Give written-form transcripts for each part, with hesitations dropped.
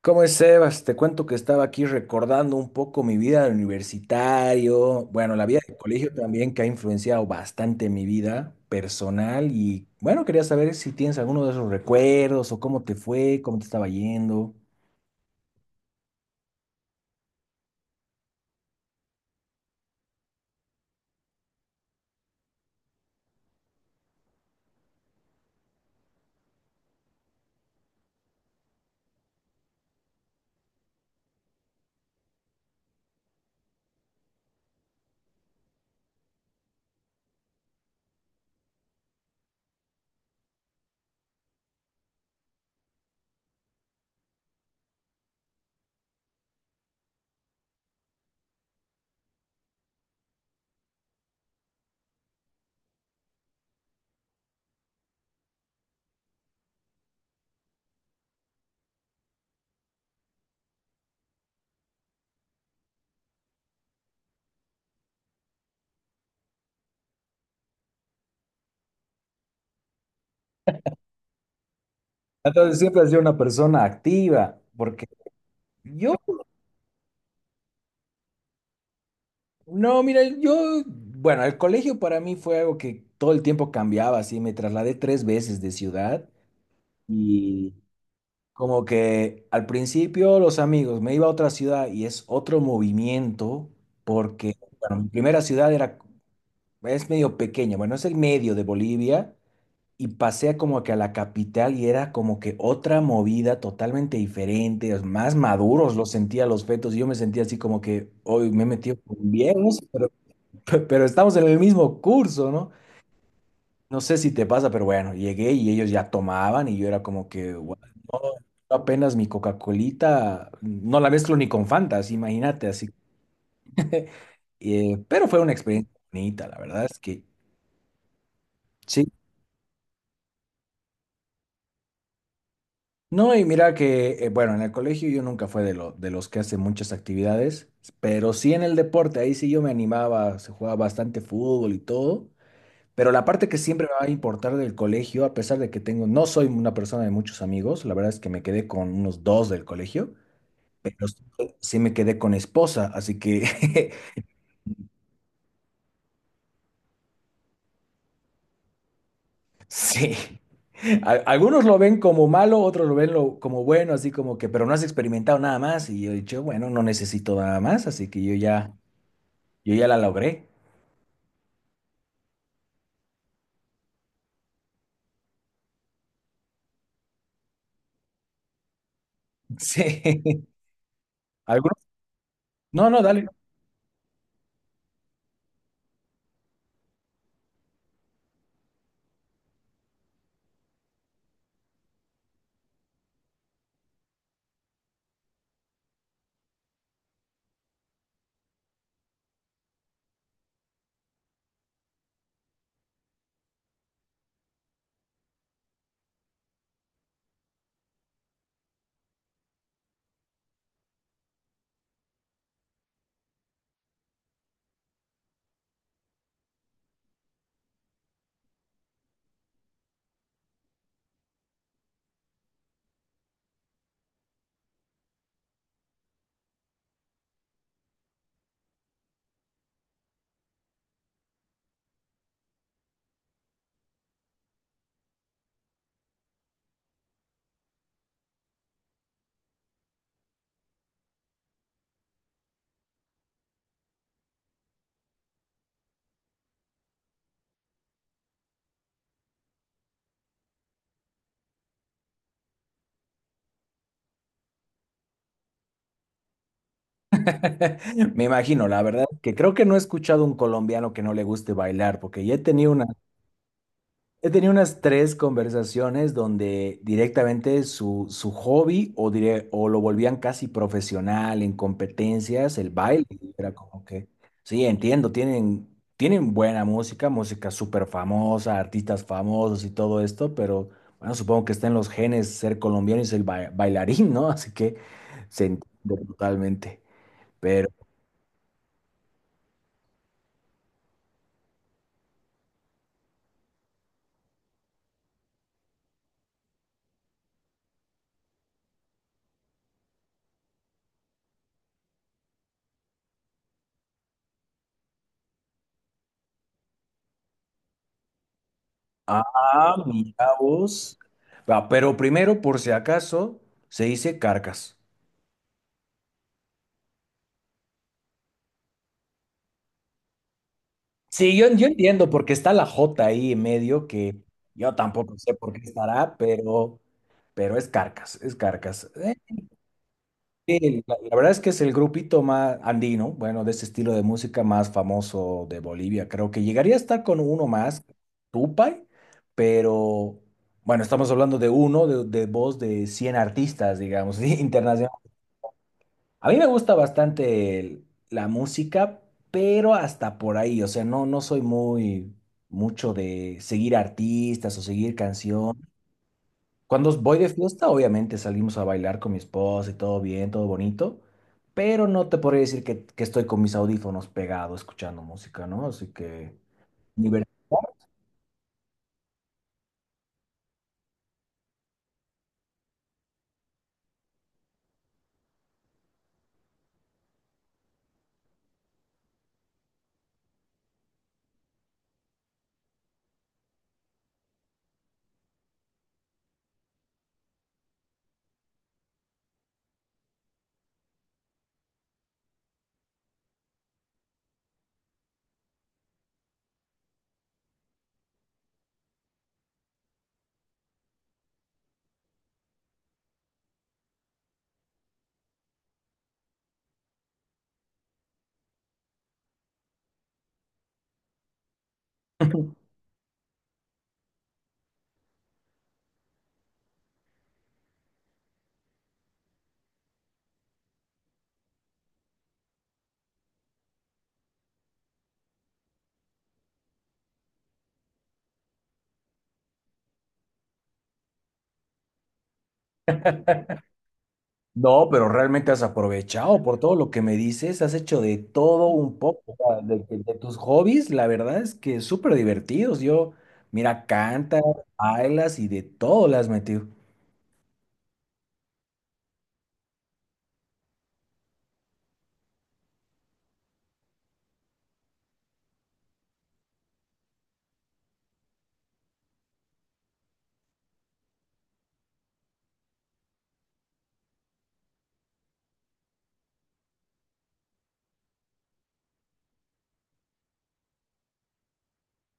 ¿Cómo es, Sebas? Te cuento que estaba aquí recordando un poco mi vida de universitario, bueno, la vida de colegio también que ha influenciado bastante mi vida personal y bueno, quería saber si tienes alguno de esos recuerdos o cómo te fue, cómo te estaba yendo. Entonces siempre has sido una persona activa, porque yo, no, mira, yo, bueno, el colegio para mí fue algo que todo el tiempo cambiaba, así me trasladé tres veces de ciudad. Como que al principio los amigos, me iba a otra ciudad y es otro movimiento porque, bueno, mi primera ciudad era, es medio pequeña, bueno, es el medio de Bolivia y pasé como que a la capital y era como que otra movida totalmente diferente, es más maduros los sentía los fetos y yo me sentía así como que hoy me he metido con viejos, pero, pero estamos en el mismo curso, no sé si te pasa, pero bueno, llegué y ellos ya tomaban y yo era como que, "What? No, yo apenas mi Coca-Colita, no la mezclo ni con Fanta, así, imagínate, así. Pero fue una experiencia bonita, la verdad es que sí. No, y mira que, bueno, en el colegio yo nunca fue de, lo, de los que hacen muchas actividades, pero sí en el deporte, ahí sí yo me animaba, se jugaba bastante fútbol y todo, pero la parte que siempre me va a importar del colegio, a pesar de que tengo, no soy una persona de muchos amigos, la verdad es que me quedé con unos dos del colegio. Pero sí, sí me quedé con esposa, así que sí. A- Algunos lo ven como malo, otros lo ven lo- como bueno, así como que, pero no has experimentado nada más. Y yo he dicho, bueno, no necesito nada más, así que yo ya la logré. Sí. Algunos, no, no, dale. Me imagino, la verdad, que creo que no he escuchado un colombiano que no le guste bailar, porque ya he tenido una, he tenido unas tres conversaciones donde directamente su, su hobby o, dire- o lo volvían casi profesional en competencias, el baile. Y era como que, sí, entiendo, tienen, tienen buena música, música súper famosa, artistas famosos y todo esto, pero bueno, supongo que está en los genes ser colombiano y ser ba- bailarín, ¿no? Así que se entiende totalmente. Pero, ah, mira vos. Ah, pero primero, por si acaso, se dice carcas. Sí, yo entiendo porque está la J ahí en medio que yo tampoco sé por qué estará, pero es Carcas, es Carcas. Sí, la verdad es que es el grupito más andino, bueno, de ese estilo de música más famoso de Bolivia. Creo que llegaría a estar con uno más, Tupac, pero bueno, estamos hablando de uno, de voz de 100 artistas, digamos, internacionales. A mí me gusta bastante el- la música, pero hasta por ahí, o sea, no, no soy muy mucho de seguir artistas o seguir canción. Cuando voy de fiesta, obviamente salimos a bailar con mi esposa y todo bien, todo bonito, pero no te podría decir que estoy con mis audífonos pegados escuchando música, ¿no? Así que... Libertad. No, pero realmente has aprovechado por todo lo que me dices, has hecho de todo un poco, o sea, de tus hobbies, la verdad es que súper divertidos. Yo, mira, cantas, bailas y de todo le has metido.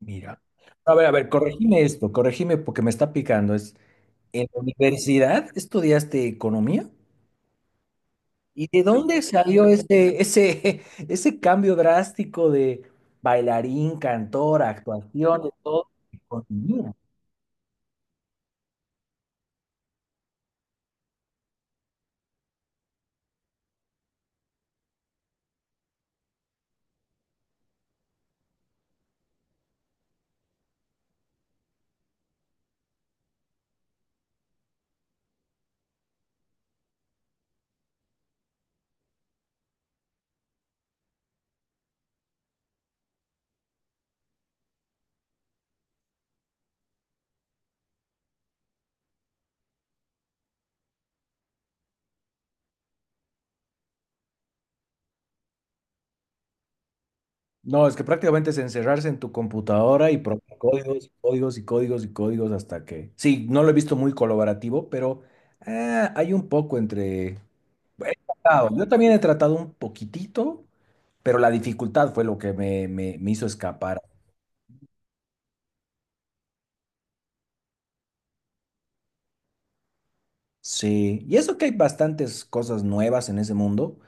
Mira. A ver, corregime esto, corregime porque me está picando. Es, ¿en la universidad estudiaste economía? ¿Y de dónde salió ese, ese, ese cambio drástico de bailarín, cantor, actuación, de todo? ¿Economía? No, es que prácticamente es encerrarse en tu computadora y probar códigos, y códigos y códigos y códigos hasta que... Sí, no lo he visto muy colaborativo, pero hay un poco entre... He tratado, yo también he tratado un poquitito, pero la dificultad fue lo que me- me hizo escapar. Sí, y eso que hay bastantes cosas nuevas en ese mundo,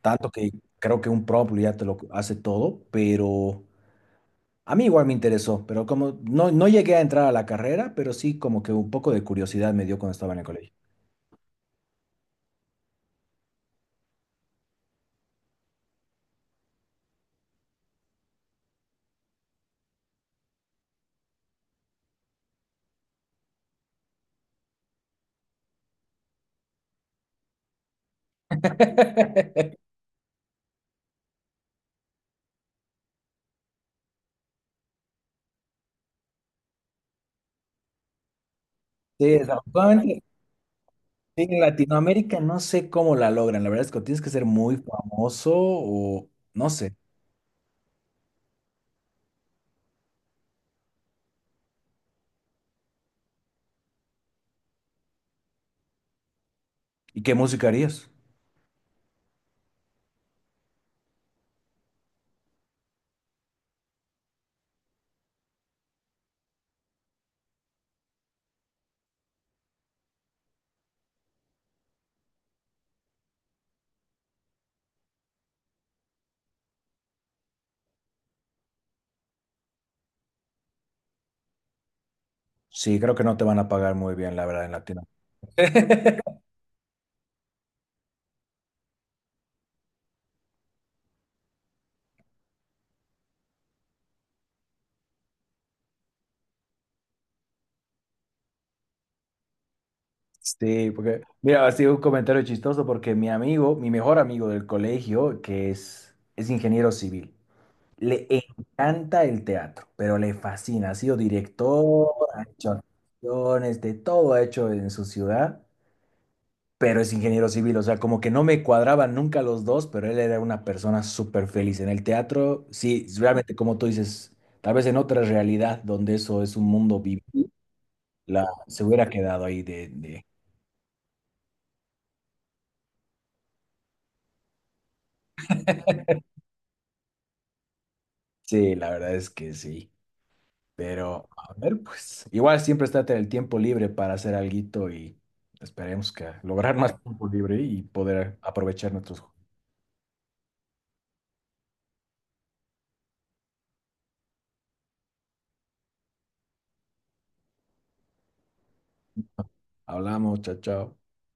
tanto que creo que un prompt ya te lo hace todo, pero... A mí igual me interesó, pero como no, no llegué a entrar a la carrera, pero sí como que un poco de curiosidad me dio cuando estaba en el colegio. Sí, desafortunadamente, sí, en Latinoamérica no sé cómo la logran. La verdad es que tienes que ser muy famoso o no sé. ¿Y qué música harías? Sí, creo que no te van a pagar muy bien, la verdad, en Latinoamérica. Sí, porque, mira, así un comentario chistoso porque mi amigo, mi mejor amigo del colegio, que es ingeniero civil. Le encanta el teatro, pero le fascina. Ha sido director, ha hecho actuaciones, de todo ha hecho en su ciudad, pero es ingeniero civil. O sea, como que no me cuadraban nunca los dos, pero él era una persona súper feliz en el teatro. Sí, realmente, como tú dices, tal vez en otra realidad donde eso es un mundo vivo, la, se hubiera quedado ahí de... Sí, la verdad es que sí. Pero, a ver, pues, igual siempre está el tiempo libre para hacer alguito y esperemos que lograr más tiempo libre y poder aprovechar nuestros... Hablamos, chao, chao.